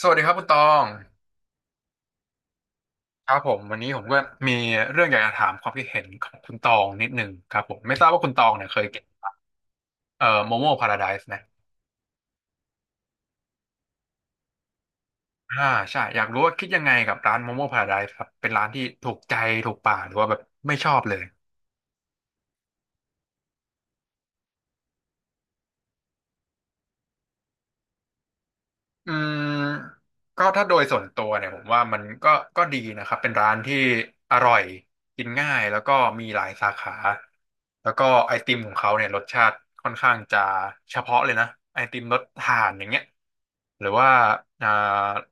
สวัสดีครับคุณตองครับผมวันนี้ผมก็มีเรื่องอยากจะถามความคิดเห็นของคุณตองนิดนึงครับผมไม่ทราบว่าคุณตองเนี่ยเคยกินโมโม่พาราไดซ์ไหมอ่าใช่อยากรู้ว่าคิดยังไงกับร้านโมโม่พาราไดซ์ครับเป็นร้านที่ถูกใจถูกปากหรือว่าแบบไม่ชอบเลย อืมก็ถ้าโดยส่วนตัวเนี่ยผมว่ามันก็ดีนะครับเป็นร้านที่อร่อยกินง่ายแล้วก็มีหลายสาขาแล้วก็ไอติมของเขาเนี่ยรสชาติค่อนข้างจะเฉพาะเลยนะไอติมรสถ่านอย่างเงี้ยหรือว่าอ่า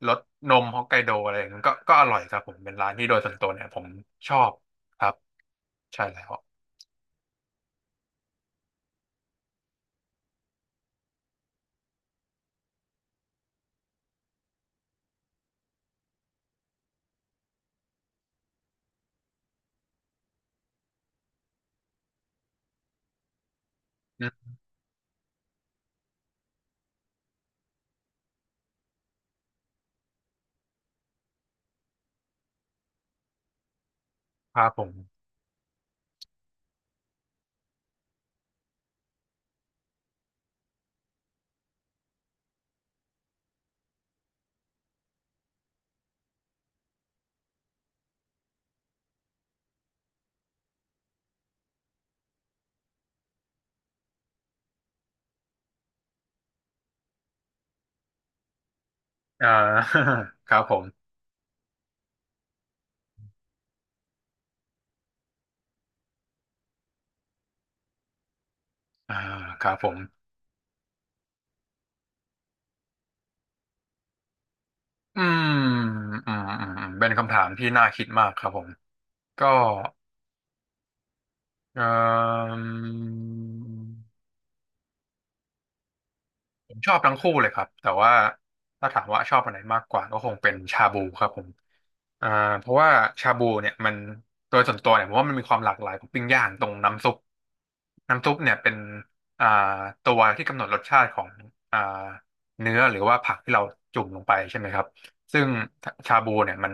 รสนมฮอกไกโดอะไรอย่างเงี้ยก็อร่อยครับผมเป็นร้านที่โดยส่วนตัวเนี่ยผมชอบครับใช่แล้วอืมครับผมอ่า ครับผมอ่าครับผม อืมอืมอืมเป็นคำถามที่น่าคิดมากครับผมก็เอ่มผมชอบทั้งคู่เลยครับแต่ว่าถ้าถามว่าชอบอันไหนมากกว่าก็คงเป็นชาบูครับผมอ่าเพราะว่าชาบูเนี่ยมันโดยส่วนตัวเนี่ยผมว่ามันมีความหลากหลายของปิ้งย่างตรงน้ำซุปเนี่ยเป็นอ่าตัวที่กำหนดรสชาติของอ่าเนื้อหรือว่าผักที่เราจุ่มลงไปใช่ไหมครับซึ่งชาบูเนี่ยมัน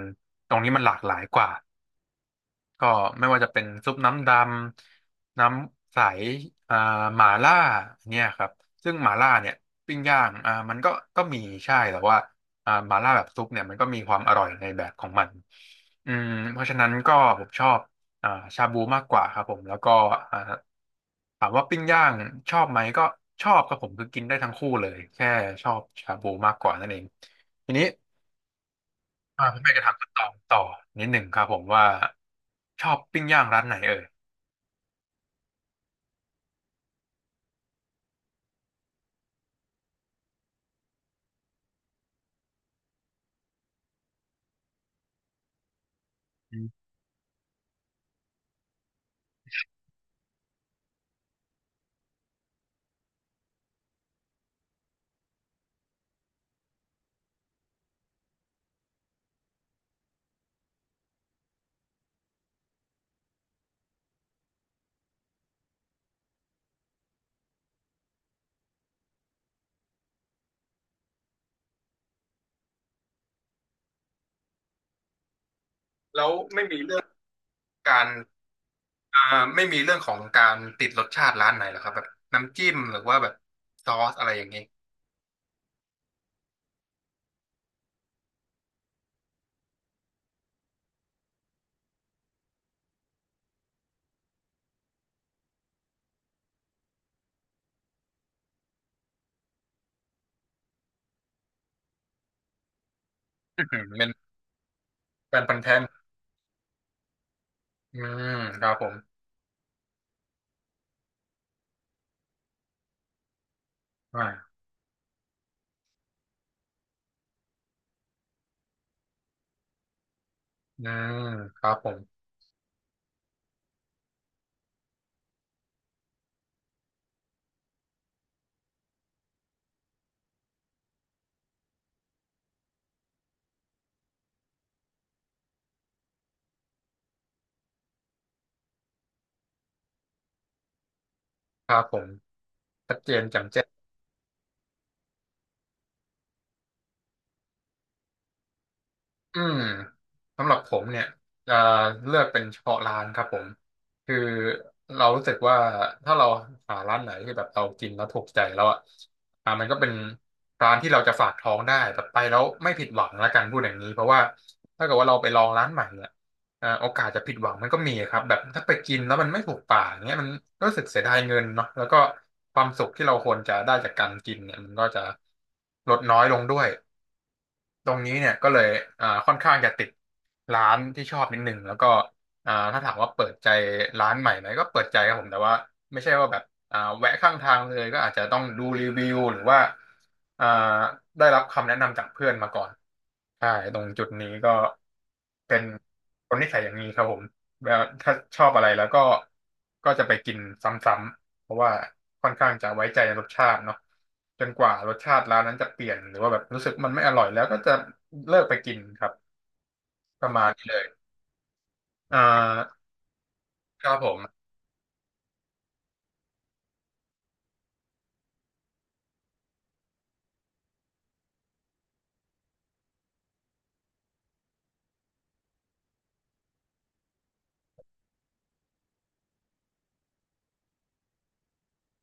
ตรงนี้มันหลากหลายกว่า ก็ไม่ว่าจะเป็นซุปน้ำดำน้ำใสอ่าหม่าล่าเนี่ยครับซึ่งหม่าล่าเนี่ยปิ้งย่างมันก็มีใช่แต่ว่าหม่าล่าแบบซุปเนี่ยมันก็มีความอร่อยในแบบของมันอืมเพราะฉะนั้นก็ผมชอบอ่าชาบูมากกว่าครับผมแล้วก็อ่าถามว่าปิ้งย่างชอบไหมก็ชอบครับผมคือกินได้ทั้งคู่เลยแค่ชอบชาบูมากกว่านั่นเองทีนี้ ผมอยากจะถามคุณตองต่อนิดหนึ่งครับผมว่าชอบปิ้งย่างร้านไหนเอ่ยอืมแล้วไม่มีเรื่องการอ่าไม่มีเรื่องของการติดรสชาติร้านไหนเหรอครับแบบน้ำจิ้มหรือว่าแบบซอสอะไรอย่างนี้อื้อหือเป็นแฟนพันธุ์แท้อืมครับผมอ่าอืมครับผมครับผมชัดเจนแจ่มแจ้ง อืมสำหรับผมเนี่ยจะเลือกเป็นเฉพาะร้านครับผมคือเรารู้สึกว่าถ้าเราหาร้านไหนที่แบบเรากินแล้วถูกใจแล้วอ่ะมันก็เป็นร้านที่เราจะฝากท้องได้แบบไปแล้วไม่ผิดหวังละกันพูดอย่างนี้เพราะว่าถ้าเกิดว่าเราไปลองร้านใหม่เนี่ยโอกาสจะผิดหวังมันก็มีครับแบบถ้าไปกินแล้วมันไม่ถูกปากเนี้ยมันรู้สึกเสียดายเงินเนาะแล้วก็ความสุขที่เราควรจะได้จากการกินเนี่ยมันก็จะลดน้อยลงด้วย ตรงนี้เนี่ยก็เลยค่อนข้างจะติดร้านที่ชอบนิดนึงแล้วก็ถ้าถามว่าเปิดใจร้านใหม่ไหมก็เปิดใจครับผมแต่ว่าไม่ใช่ว่าแบบแวะข้างทางเลยก็อาจจะต้องดูรีวิวหรือว่าอ่าได้รับคำแนะนำจากเพื่อนมาก่อน ใช่ตรงจุดนี้ก็เป็นคนนิสัยอย่างนี้ครับผมแล้วถ้าชอบอะไรแล้วก็จะไปกินซ้ำๆเพราะว่าค่อนข้างจะไว้ใจในรสชาติเนาะจนกว่ารสชาติร้านนั้นจะเปลี่ยนหรือว่าแบบรู้สึกมันไม่อร่อยแล้วก็จะเลิกไปกินครับประมาณนี้เลยอ่าครับผม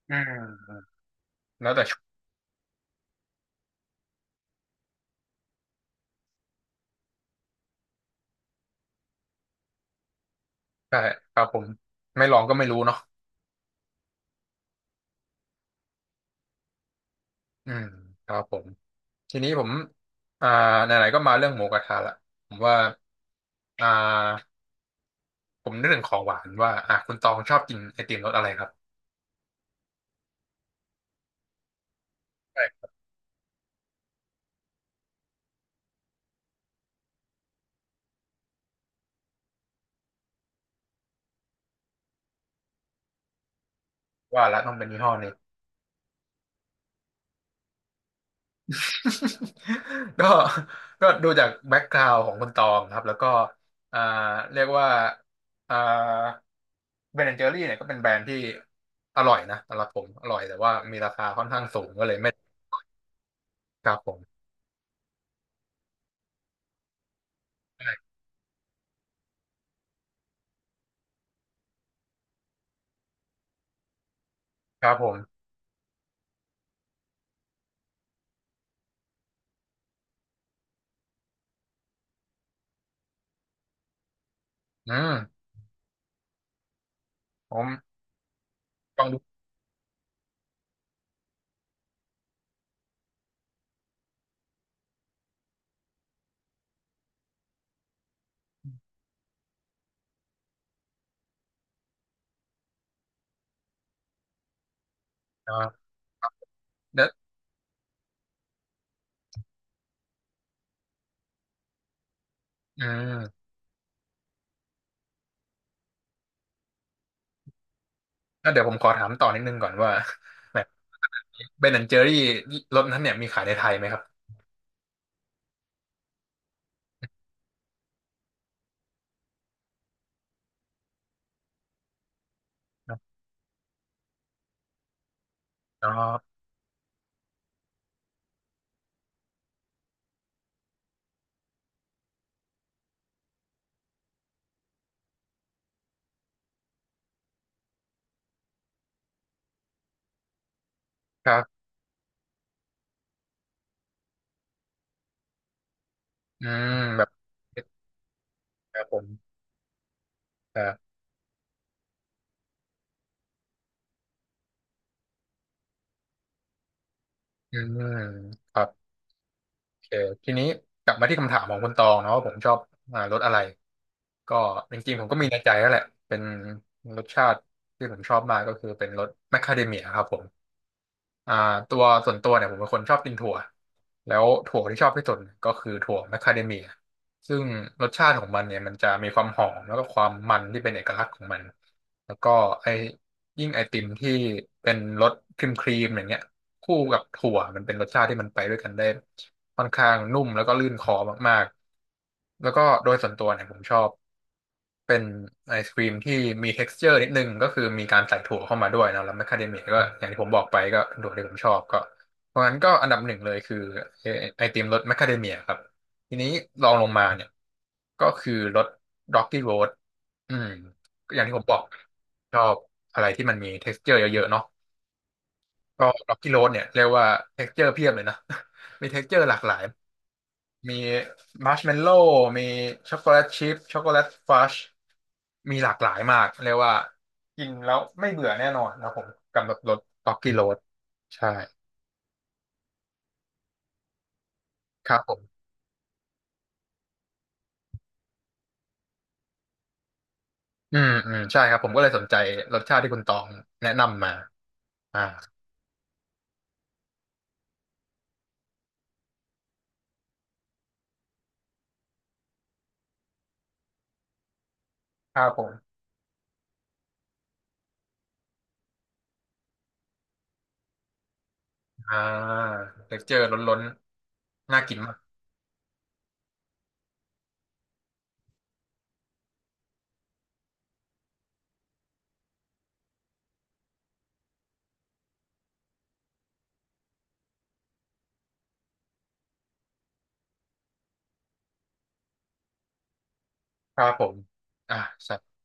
อืมแล้วแต่ช่วงใช่ครับผมไม่ลองก็ไม่รู้เนาะอืมครับผมทีนี้ผมอ่าไหนๆก็มาเรื่องหมูกระทะละผมว่าอ่า ผมนึกถึงของหวานว่าอ่ะคุณตองชอบกินไอติมรสอะไรครับใช่ว่าละต้องเป็นยี่ห้อนี้ ก็ดูจากแบ็กกราวด์ของคุณตองครับแล้วก็อ่าเรียกว่าอ่าเบนแอนเจอรี่เนี่ยก็เป็นแบรนด์ที่อร่อยนะสำหรับผมอร่อยแต่ว่ามีราคาค่อนข้างสูงก็เลยไม่ครับผมใช่ครับผมอืมผมลองดูอ่าเดี๋ยวอืมแล้วเดี๋ยวผมขอถามต่อนิดนึงก่อนว่า แบบเบนแอนเจอรี่รสนั้นเนี่ยมีขายในไทยไหมครับอ๋อ ครับอืมแบบครับผมครับอืมครับโอเคทีนี้กลับมาที่คำถามของคุณตองเนาะว่าผมชอบรสอะไร ก็จริงๆผมก็มีในใจแล้วแหละ เป็นรสชาติที่ผมชอบมากก็คือเป็นรสแมคคาเดเมียครับผม อ่าตัวส่วนตัวเนี่ยผมเป็นคนชอบกินถั่วแล้วถั่วที่ชอบที่สุดก็คือถั่วแมคคาเดเมียซึ่งรสชาติของมันเนี่ยมันจะมีความหอมแล้วก็ความมันที่เป็นเอกลักษณ์ของมันแล้วก็ไอยิ่งไอติมที่เป็นรสครีมครีมอย่างเงี้ยคู่กับถั่วมันเป็นรสชาติที่มันไปด้วยกันได้ค่อนข้างนุ่มแล้วก็ลื่นคอมากๆแล้วก็โดยส่วนตัวเนี่ยผมชอบ เป็นไอศกรีมที่มี texture นิดนึงก็คือมีการใส่ถั่วเข้ามาด้วยเนอะแล้วแมคคาเดเมียก็อย่างที่ผมบอกไปก็เป็นถั่วที่ผมชอบก็เพราะงั้นก็อันดับหนึ่งเลยคือไอไอติมรสแมคคาเดเมียครับทีนี้ลองลงมาเนี่ยก็คือรส Rocky Road อืมอย่างที่ผมบอกชอบอะไรที่มันมี texture เยอะๆเนาะก็ Rocky Road เนี่ยเรียกว่า texture เพียบเลยนะ มี texture หลากหลาย มีมัชเมลโล่มีช็อกโกแลตชิพช็อกโกแลตฟัชมีหลากหลายมากเรียกว่ากินแล้วไม่เบื่อแน่นอนนะผมกำหนดรสต็อกกี้โรดใช่ครับผมอืมอืมใช่ครับผมก็เลยสนใจรสชาติที่คุณตองแนะนำมาอ่าครับผมอ่าเท็กเจอร์ล้นๆน่ากินมากครับผมอ่าใส่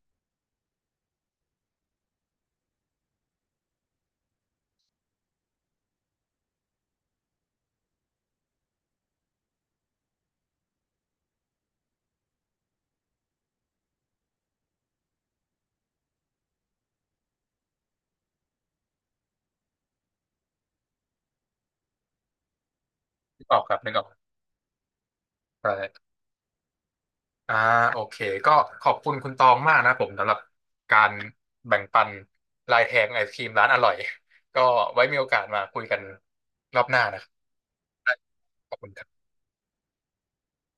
ที่ออกครับนึกออกใช่ อ่าโอเคก็ขอบคุณคุณตองมากนะผมสำหรับการแบ่งปันลายแทงไอศครีมร้านอร่อยก็ไว้มีโอกาสมาคุยกันรอบหน้านะครับได้ขอบคุณครับ